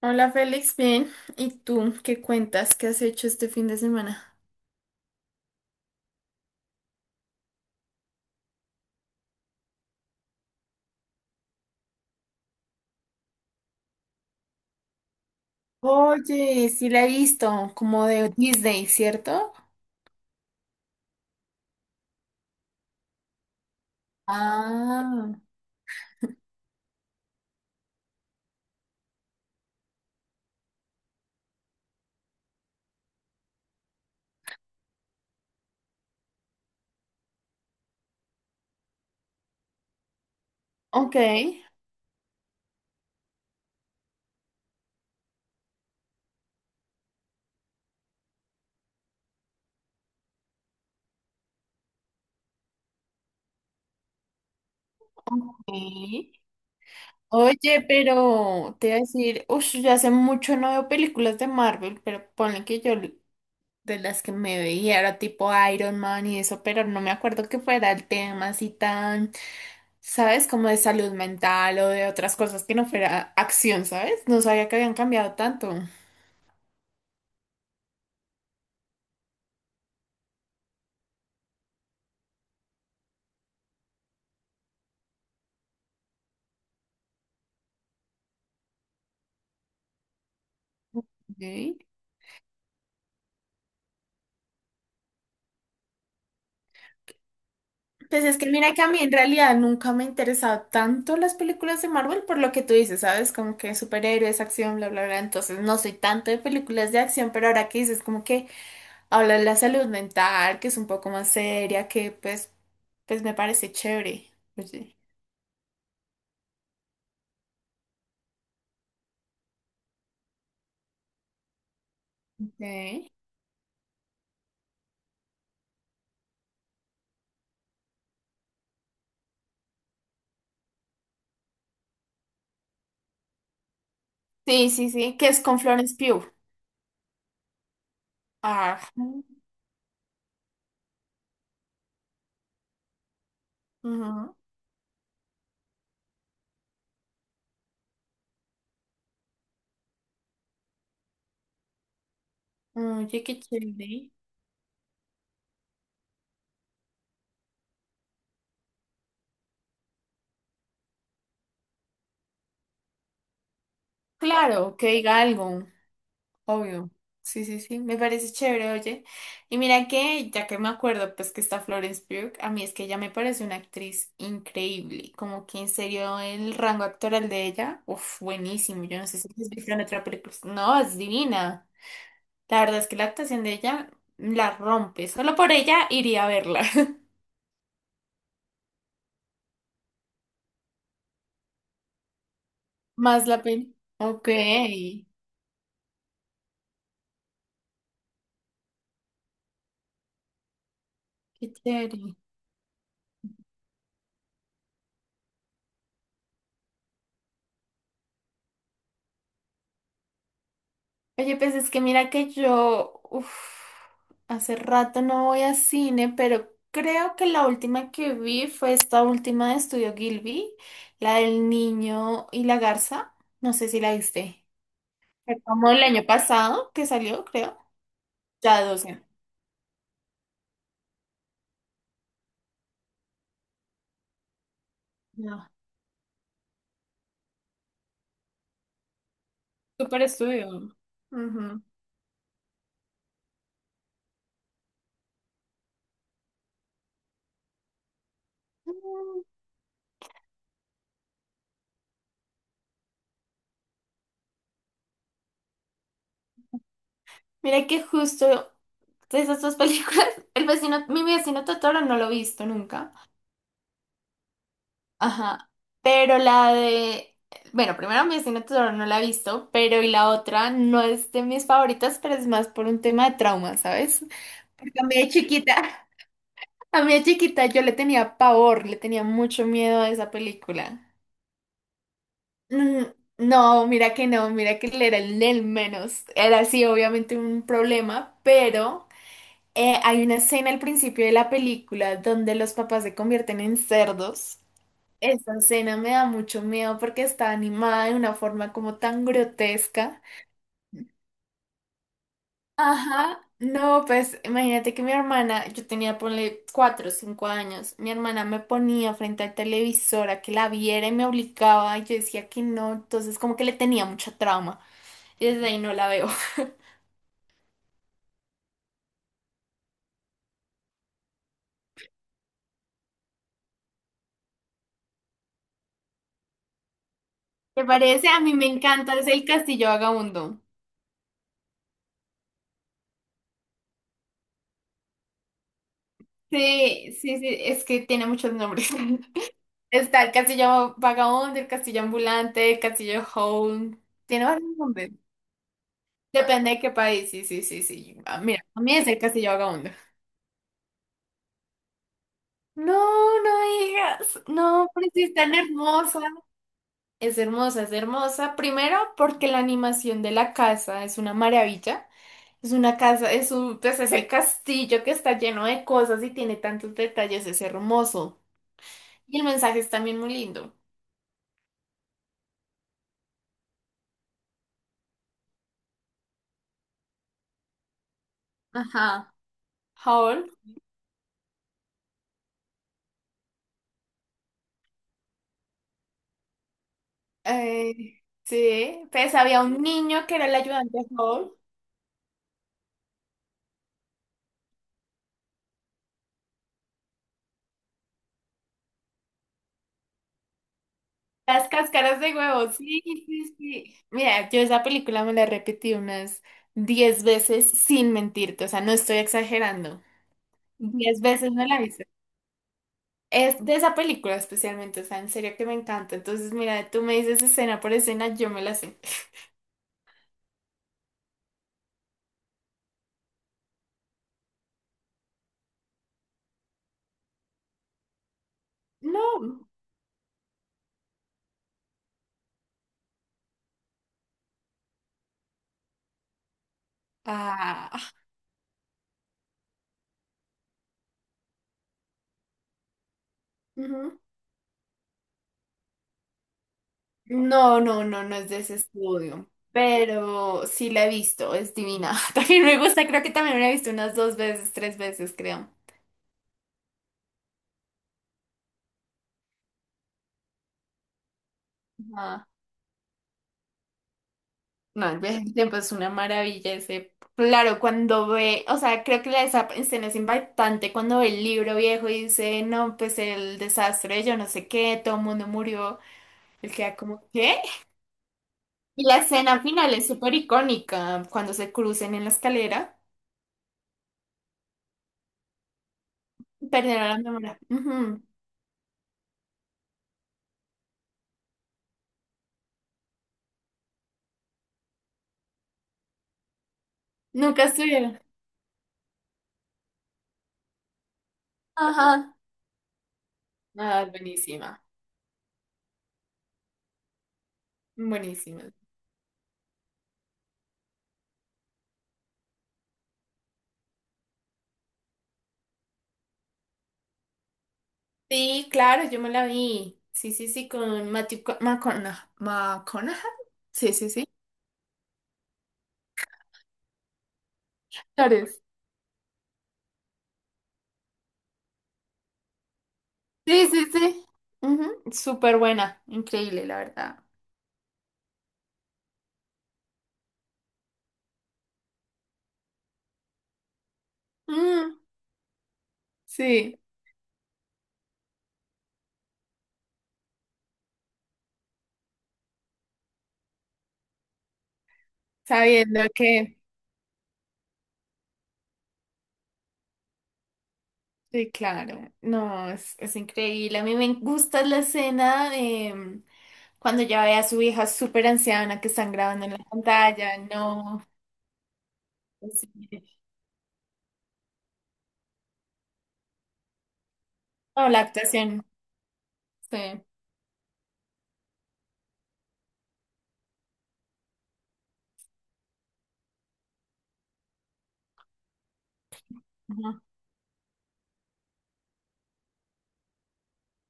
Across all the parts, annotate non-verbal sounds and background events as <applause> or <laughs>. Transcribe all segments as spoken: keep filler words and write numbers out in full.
Hola Félix, bien. ¿Y tú qué cuentas? ¿Qué has hecho este fin de semana? Oye, sí la he visto, como de Disney, ¿cierto? Ah, ok. Sí. Oye, pero te voy a decir, uff, yo hace mucho no veo películas de Marvel, pero ponle que yo l- de las que me veía era tipo Iron Man y eso, pero no me acuerdo que fuera el tema así tan, ¿sabes? Como de salud mental o de otras cosas que no fuera acción, ¿sabes? No sabía que habían cambiado tanto. Ok. Pues es que mira que a mí en realidad nunca me ha interesado tanto las películas de Marvel por lo que tú dices, ¿sabes? Como que superhéroes, acción, bla, bla, bla. Entonces no soy tanto de películas de acción, pero ahora que dices como que habla de la salud mental, que es un poco más seria, que pues, pues me parece chévere. Oye. Ok. Sí, sí, sí, que es con Florence Pugh. Ah, ujú. Oye, qué chévere. Claro, que diga algo. Obvio. Sí, sí, sí, me parece chévere, oye. Y mira que, ya que me acuerdo, pues que está Florence Pugh, a mí es que ella me parece una actriz increíble, como que en serio el rango actoral de ella, uff, buenísimo. Yo no sé si has visto en otra película, pues, no, es divina. La verdad es que la actuación de ella la rompe, solo por ella iría a verla. <laughs> Más la pena. Ok, qué chévere. Oye, pues es que mira que yo, uf, hace rato no voy a cine, pero creo que la última que vi fue esta última de Estudio Gilby, la del niño y la garza. No sé si la viste. Fue como el año pasado que salió, creo. Ya doce. No. Super estudio. Ujú. Mm. Mira que justo de esas dos películas, <laughs> el vecino, mi vecino Totoro no lo he visto nunca. Ajá. Pero la de. Bueno, primero mi vecino Totoro no la he visto, pero y la otra no es de mis favoritas, pero es más por un tema de trauma, ¿sabes? Porque a mí de chiquita, <laughs> a mí de chiquita yo le tenía pavor, le tenía mucho miedo a esa película. Mm. No, mira que no, mira que él era el del menos. Era sí, obviamente un problema, pero eh, hay una escena al principio de la película donde los papás se convierten en cerdos. Esa escena me da mucho miedo porque está animada de una forma como tan grotesca. Ajá, no, pues imagínate que mi hermana, yo tenía, ponle, cuatro o cinco años, mi hermana me ponía frente al televisor a que la viera y me obligaba y yo decía que no, entonces como que le tenía mucha trauma y desde ahí no la veo. <laughs> ¿Te parece? A mí me encanta, es el Castillo Vagabundo. Sí, sí, sí, es que tiene muchos nombres. <laughs> Está el castillo vagabundo, el castillo ambulante, el castillo home. Tiene varios nombres. Depende de qué país. Sí, sí, sí, sí. Ah, mira, a mí es el castillo vagabundo. No, no digas. No, pero sí es tan hermosa. Es hermosa, es hermosa. Primero, porque la animación de la casa es una maravilla. Es una casa, es un, pues es el castillo que está lleno de cosas y tiene tantos detalles. Es hermoso. Y el mensaje es también muy lindo. Ajá. Howl. Ay, sí, pues había un niño que era el ayudante de Howl. Las cáscaras de huevo, sí, sí, sí. Mira, yo esa película me la repetí unas diez veces sin mentirte, o sea, no estoy exagerando. Diez veces me la hice. Es de esa película especialmente, o sea, en serio que me encanta. Entonces, mira, tú me dices escena por escena, yo me la sé. No. Ah. No, no, no, no es de ese estudio, pero sí la he visto, es divina. <laughs> También me gusta, creo que también la he visto unas dos veces, tres veces, creo. Ajá. No, el viaje del tiempo es una maravilla ese. Claro, cuando ve, o sea, creo que la esa escena es impactante cuando ve el libro viejo y dice, no, pues el desastre, yo no sé qué, todo el mundo murió. Él queda como, ¿qué? Y la escena final es súper icónica, cuando se crucen en la escalera, perdieron la memoria. Ujú. Nunca estuvieron. Ajá. Ah, buenísima, buenísima. Sí, claro, yo me la vi. Sí, sí, sí, con Matthew Co- McConaughey. ¿McConaughey? Sí, sí, sí. Actores. Sí, sí, sí. Ujú. Súper buena, increíble, la verdad. Mm, sí, sabiendo que... Sí, claro. No, es, es increíble. A mí me gusta la escena de mm, cuando ya ve a su hija súper anciana que están grabando en la pantalla. No, sí. No, la actuación. Sí.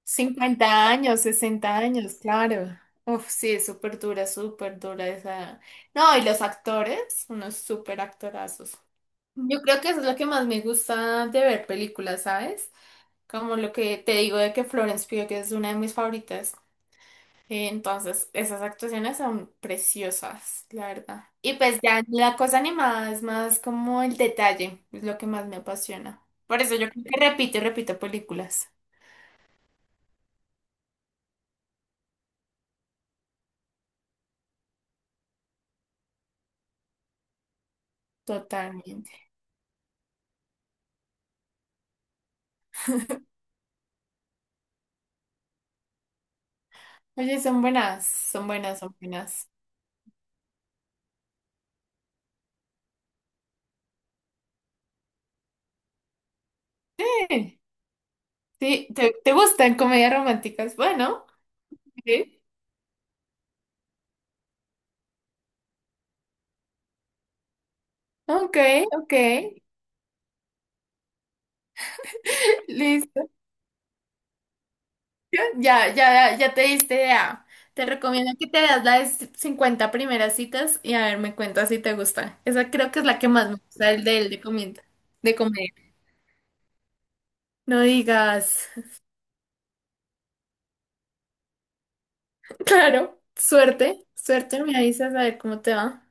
Cincuenta años, sesenta años, claro. Uf, sí, es súper dura, súper dura esa. No, y los actores, unos súper actorazos. Yo creo que eso es lo que más me gusta de ver películas, ¿sabes? Como lo que te digo de que Florence Pugh es una de mis favoritas. Eh, Entonces, esas actuaciones son preciosas, la verdad. Y pues ya la cosa animada es más como el detalle, es lo que más me apasiona. Por eso yo creo que repito y repito películas. Totalmente. Oye, son buenas, son buenas, son buenas. Sí, sí, ¿te, te gustan comedias románticas? Bueno, sí. Ok, ok, listo. Ya, ya, ya te diste idea. Te recomiendo que te veas la de cincuenta primeras citas y a ver, me cuentas si te gusta. Esa creo que es la que más me gusta, el de el de comienda, de comedia. No digas. <laughs> Claro, suerte, suerte, me avisas a ver cómo te va.